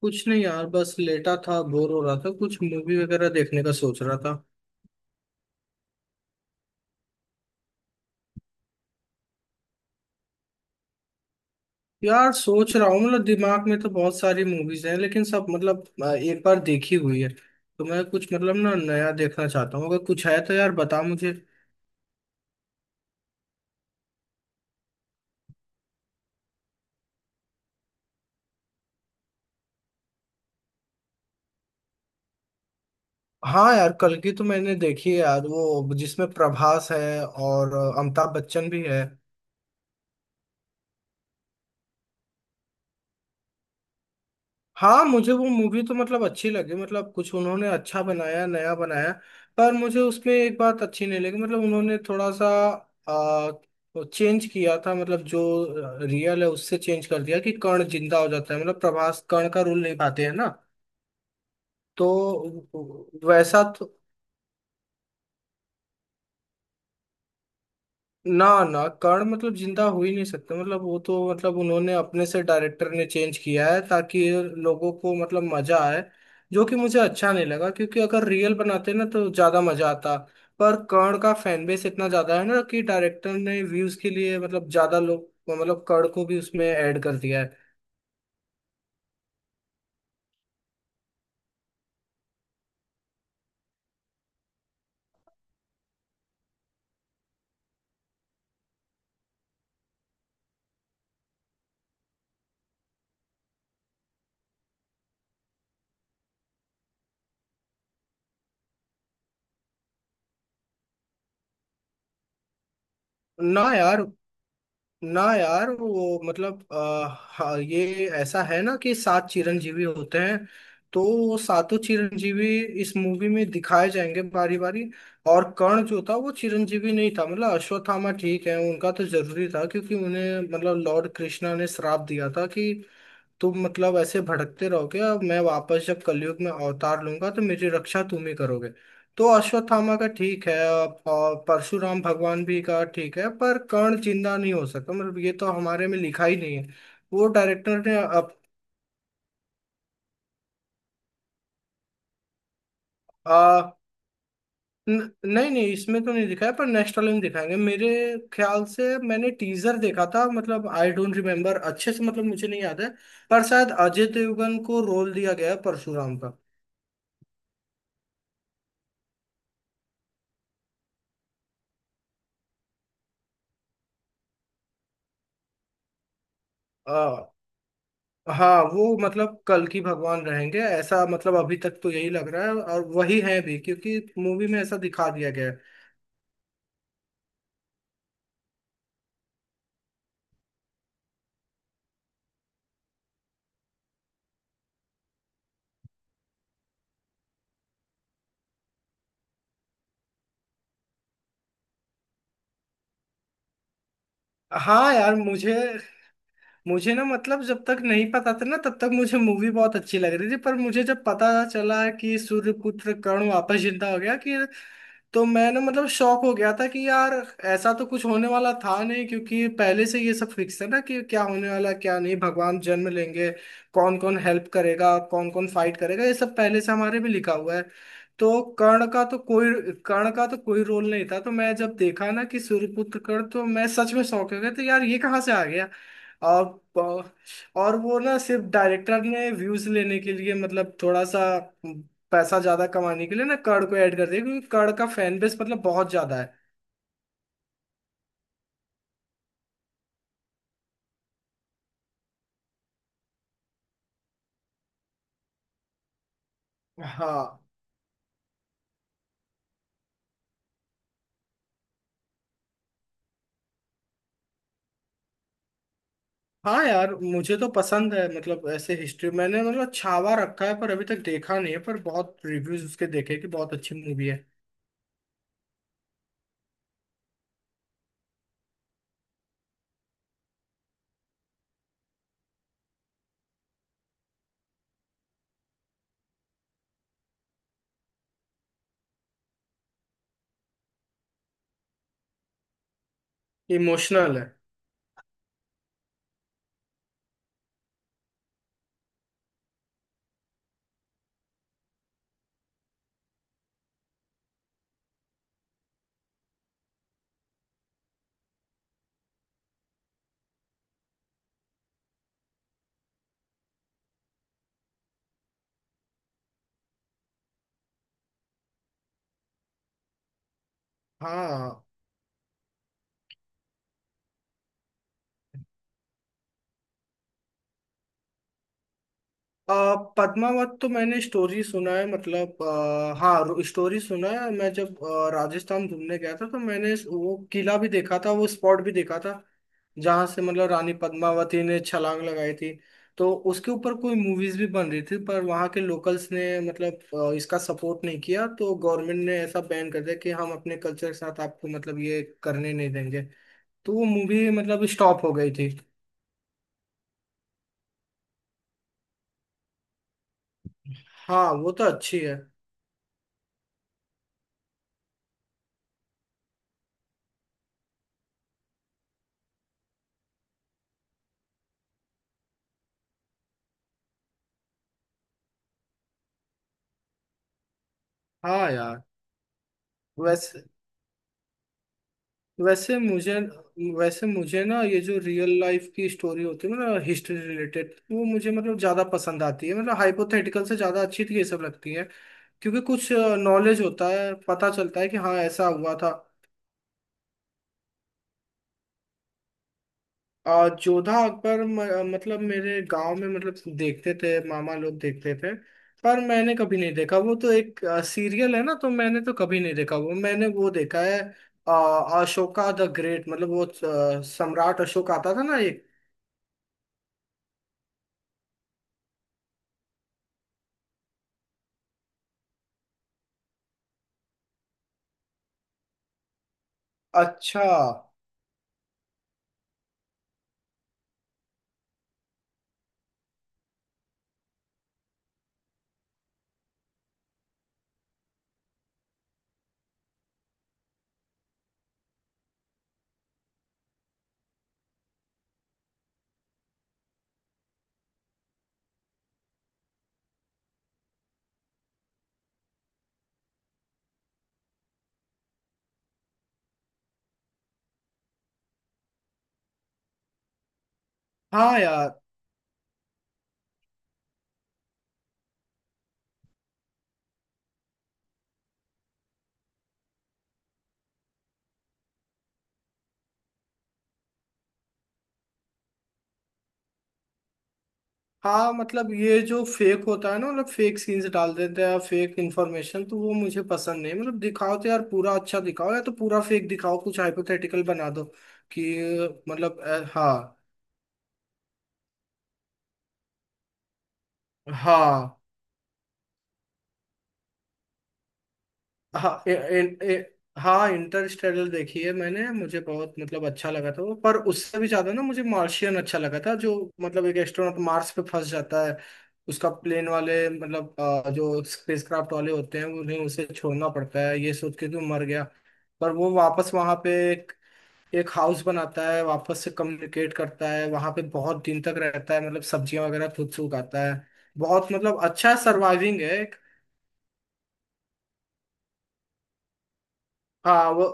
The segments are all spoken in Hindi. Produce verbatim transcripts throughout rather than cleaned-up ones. कुछ नहीं यार, बस लेटा था, बोर हो रहा था, कुछ मूवी वगैरह देखने का सोच रहा था। यार सोच रहा हूँ, मतलब दिमाग में तो बहुत सारी मूवीज हैं, लेकिन सब मतलब आ, एक बार देखी हुई है, तो मैं कुछ मतलब ना नया देखना चाहता हूँ। अगर कुछ है तो यार बता मुझे। हाँ यार, कल की तो मैंने देखी है यार, वो जिसमें प्रभास है और अमिताभ बच्चन भी है। हाँ मुझे वो मूवी तो मतलब अच्छी लगी, मतलब कुछ उन्होंने अच्छा बनाया, नया बनाया। पर मुझे उसमें एक बात अच्छी नहीं लगी, मतलब उन्होंने थोड़ा सा आ, चेंज किया था। मतलब जो रियल है उससे चेंज कर दिया कि कर्ण जिंदा हो जाता है। मतलब प्रभास कर्ण का रोल निभाते हैं ना, तो वैसा तो। ना ना, कर्ण मतलब जिंदा हो ही नहीं सकते। मतलब वो तो, मतलब उन्होंने अपने से, डायरेक्टर ने चेंज किया है ताकि लोगों को मतलब मजा आए। जो कि मुझे अच्छा नहीं लगा, क्योंकि अगर रियल बनाते ना तो ज्यादा मजा आता। पर कर्ण का फैन बेस इतना ज्यादा है ना, कि डायरेक्टर ने व्यूज के लिए, मतलब ज्यादा लोग, मतलब कर्ण को भी उसमें ऐड कर दिया है। ना यार, ना यार, वो मतलब आ, हाँ, ये ऐसा है ना कि सात चिरंजीवी होते हैं। तो वो सातों चिरंजीवी इस मूवी में दिखाए जाएंगे बारी बारी। और कर्ण जो था वो चिरंजीवी नहीं था। मतलब अश्वत्थामा ठीक है, उनका तो जरूरी था, क्योंकि उन्हें मतलब लॉर्ड कृष्णा ने श्राप दिया था कि तुम मतलब ऐसे भटकते रहोगे, और मैं वापस जब कलयुग में अवतार लूंगा तो मेरी रक्षा तुम ही करोगे। तो अश्वत्थामा का ठीक है, और और परशुराम भगवान भी का ठीक है, पर कर्ण जिंदा नहीं हो सकता। मतलब ये तो हमारे में लिखा ही नहीं है। वो डायरेक्टर ने अब आ, न, नहीं नहीं, इसमें तो नहीं दिखाया, पर नेक्स्ट वाले में दिखाएंगे मेरे ख्याल से। मैंने टीजर देखा था, मतलब आई डोंट रिमेम्बर अच्छे से, मतलब मुझे नहीं याद है। पर शायद अजय देवगन को रोल दिया गया है परशुराम का। हाँ, वो मतलब कल की भगवान रहेंगे ऐसा, मतलब अभी तक तो यही लग रहा है, और वही है भी, क्योंकि मूवी में ऐसा दिखा दिया गया है। हाँ यार। मुझे मुझे ना, मतलब जब तक नहीं पता था ना, तब तक मुझे मूवी बहुत अच्छी लग रही थी, पर मुझे जब पता चला कि सूर्यपुत्र कर्ण वापस जिंदा हो गया, कि तो मैं ना, मतलब शॉक हो गया था कि यार, ऐसा तो कुछ होने वाला था नहीं। क्योंकि पहले से ये सब फिक्स है ना, कि क्या होने वाला क्या नहीं, भगवान जन्म लेंगे, कौन कौन हेल्प करेगा, कौन कौन फाइट करेगा, ये सब पहले से हमारे भी लिखा हुआ है। तो कर्ण का तो कोई कर्ण का तो कोई रोल नहीं था। तो मैं जब देखा ना कि सूर्यपुत्र कर्ण, तो मैं सच में शौक हो गया तो यार, ये कहाँ से आ गया। और प- और वो ना, सिर्फ डायरेक्टर ने व्यूज लेने के लिए, मतलब थोड़ा सा पैसा ज्यादा कमाने के लिए ना, कर्ण को ऐड कर दिया, क्योंकि कर्ण का फैन बेस मतलब बहुत ज्यादा है। हाँ। हाँ यार मुझे तो पसंद है, मतलब ऐसे हिस्ट्री। मैंने मतलब छावा रखा है, पर अभी तक देखा नहीं है, पर बहुत रिव्यूज उसके देखे कि बहुत अच्छी मूवी है। इमोशनल है हाँ। आ, पद्मावत तो मैंने स्टोरी सुना है। मतलब आ, हाँ, स्टोरी सुना है। मैं जब आ, राजस्थान घूमने गया था, तो मैंने इस- वो किला भी देखा था, वो स्पॉट भी देखा था जहाँ से मतलब रानी पद्मावती ने छलांग लगाई थी। तो उसके ऊपर कोई मूवीज भी बन रही थी, पर वहाँ के लोकल्स ने मतलब आ, इसका सपोर्ट नहीं किया, तो गवर्नमेंट ने ऐसा बैन कर दिया कि हम अपने कल्चर के साथ आपको मतलब ये करने नहीं देंगे। तो वो मूवी मतलब स्टॉप हो गई थी। हाँ वो तो अच्छी है। हाँ यार। वैसे वैसे मुझे वैसे मुझे ना, ये जो रियल लाइफ की स्टोरी होती है ना, हिस्ट्री रिलेटेड, वो मुझे मतलब ज्यादा पसंद आती है। मतलब हाइपोथेटिकल से ज्यादा अच्छी तो ये सब लगती है, क्योंकि कुछ नॉलेज होता है, पता चलता है कि हाँ ऐसा हुआ था। और जोधा अकबर, म- मतलब मेरे गांव में, मतलब देखते थे, मामा लोग देखते थे। पर मैंने कभी नहीं देखा, वो तो एक सीरियल है ना, तो मैंने तो कभी नहीं देखा। वो मैंने वो देखा है, अ, अशोका द ग्रेट, मतलब वो अ, सम्राट अशोक आता था ना। अच्छा। हाँ यार। हाँ मतलब ये जो फेक होता है ना, मतलब फेक सीन्स डाल देते हैं, फेक इन्फॉर्मेशन, तो वो मुझे पसंद नहीं। मतलब दिखाओ तो यार पूरा अच्छा दिखाओ, या तो पूरा फेक दिखाओ, कुछ हाइपोथेटिकल बना दो कि। मतलब अ, हाँ हाँ हाँ, इ- इन, इ- हाँ, इंटरस्टेलर देखी है मैंने, मुझे बहुत मतलब अच्छा लगा था वो। पर उससे भी ज्यादा ना मुझे मार्शियन अच्छा लगा था, जो मतलब एक एस्ट्रोनॉट मार्स पे फंस जाता है। उसका प्लेन वाले, मतलब अ, जो स्पेसक्राफ्ट वाले होते हैं, उन्हें उसे छोड़ना पड़ता है ये सोच के कि वो मर गया। पर वो वापस वहां पे एक एक हाउस बनाता है, वापस से कम्युनिकेट करता है, वहां पे बहुत दिन तक रहता है, मतलब सब्जियां वगैरह खुद से उगाता है। बहुत मतलब अच्छा सर्वाइविंग है एक। हाँ वो।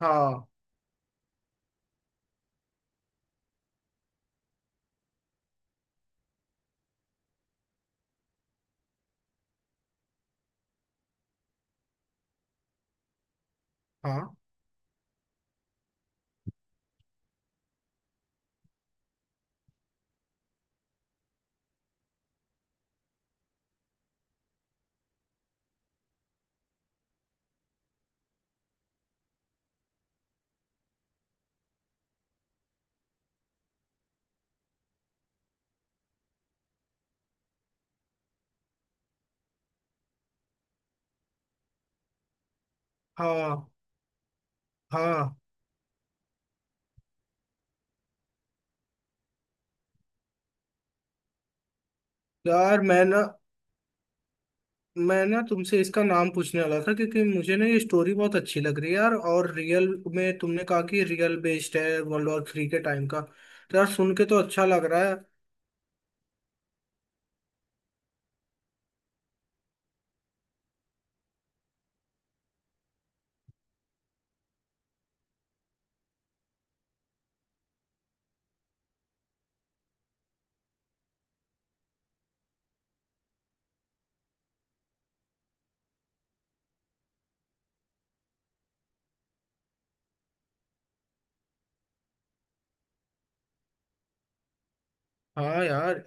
हाँ हाँ हाँ। हाँ यार, मैं ना मैं ना तुमसे इसका नाम पूछने वाला था, क्योंकि मुझे ना ये स्टोरी बहुत अच्छी लग रही है यार, और रियल में तुमने कहा कि रियल बेस्ड है, वर्ल्ड वॉर थ्री के टाइम का, तो यार सुन के तो अच्छा लग रहा है। हाँ यार।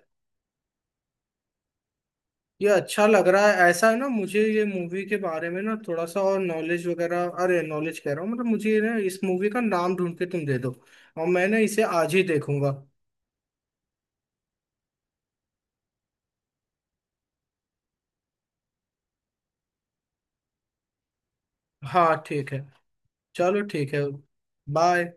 ये अच्छा लग रहा है ऐसा है ना। मुझे ये मूवी के बारे में ना थोड़ा सा और नॉलेज वगैरह, अरे नॉलेज कह रहा हूँ, मतलब मुझे ना इस मूवी का नाम ढूंढ के तुम दे दो, और मैं ना इसे आज ही देखूंगा। हाँ ठीक है। चलो ठीक है। बाय।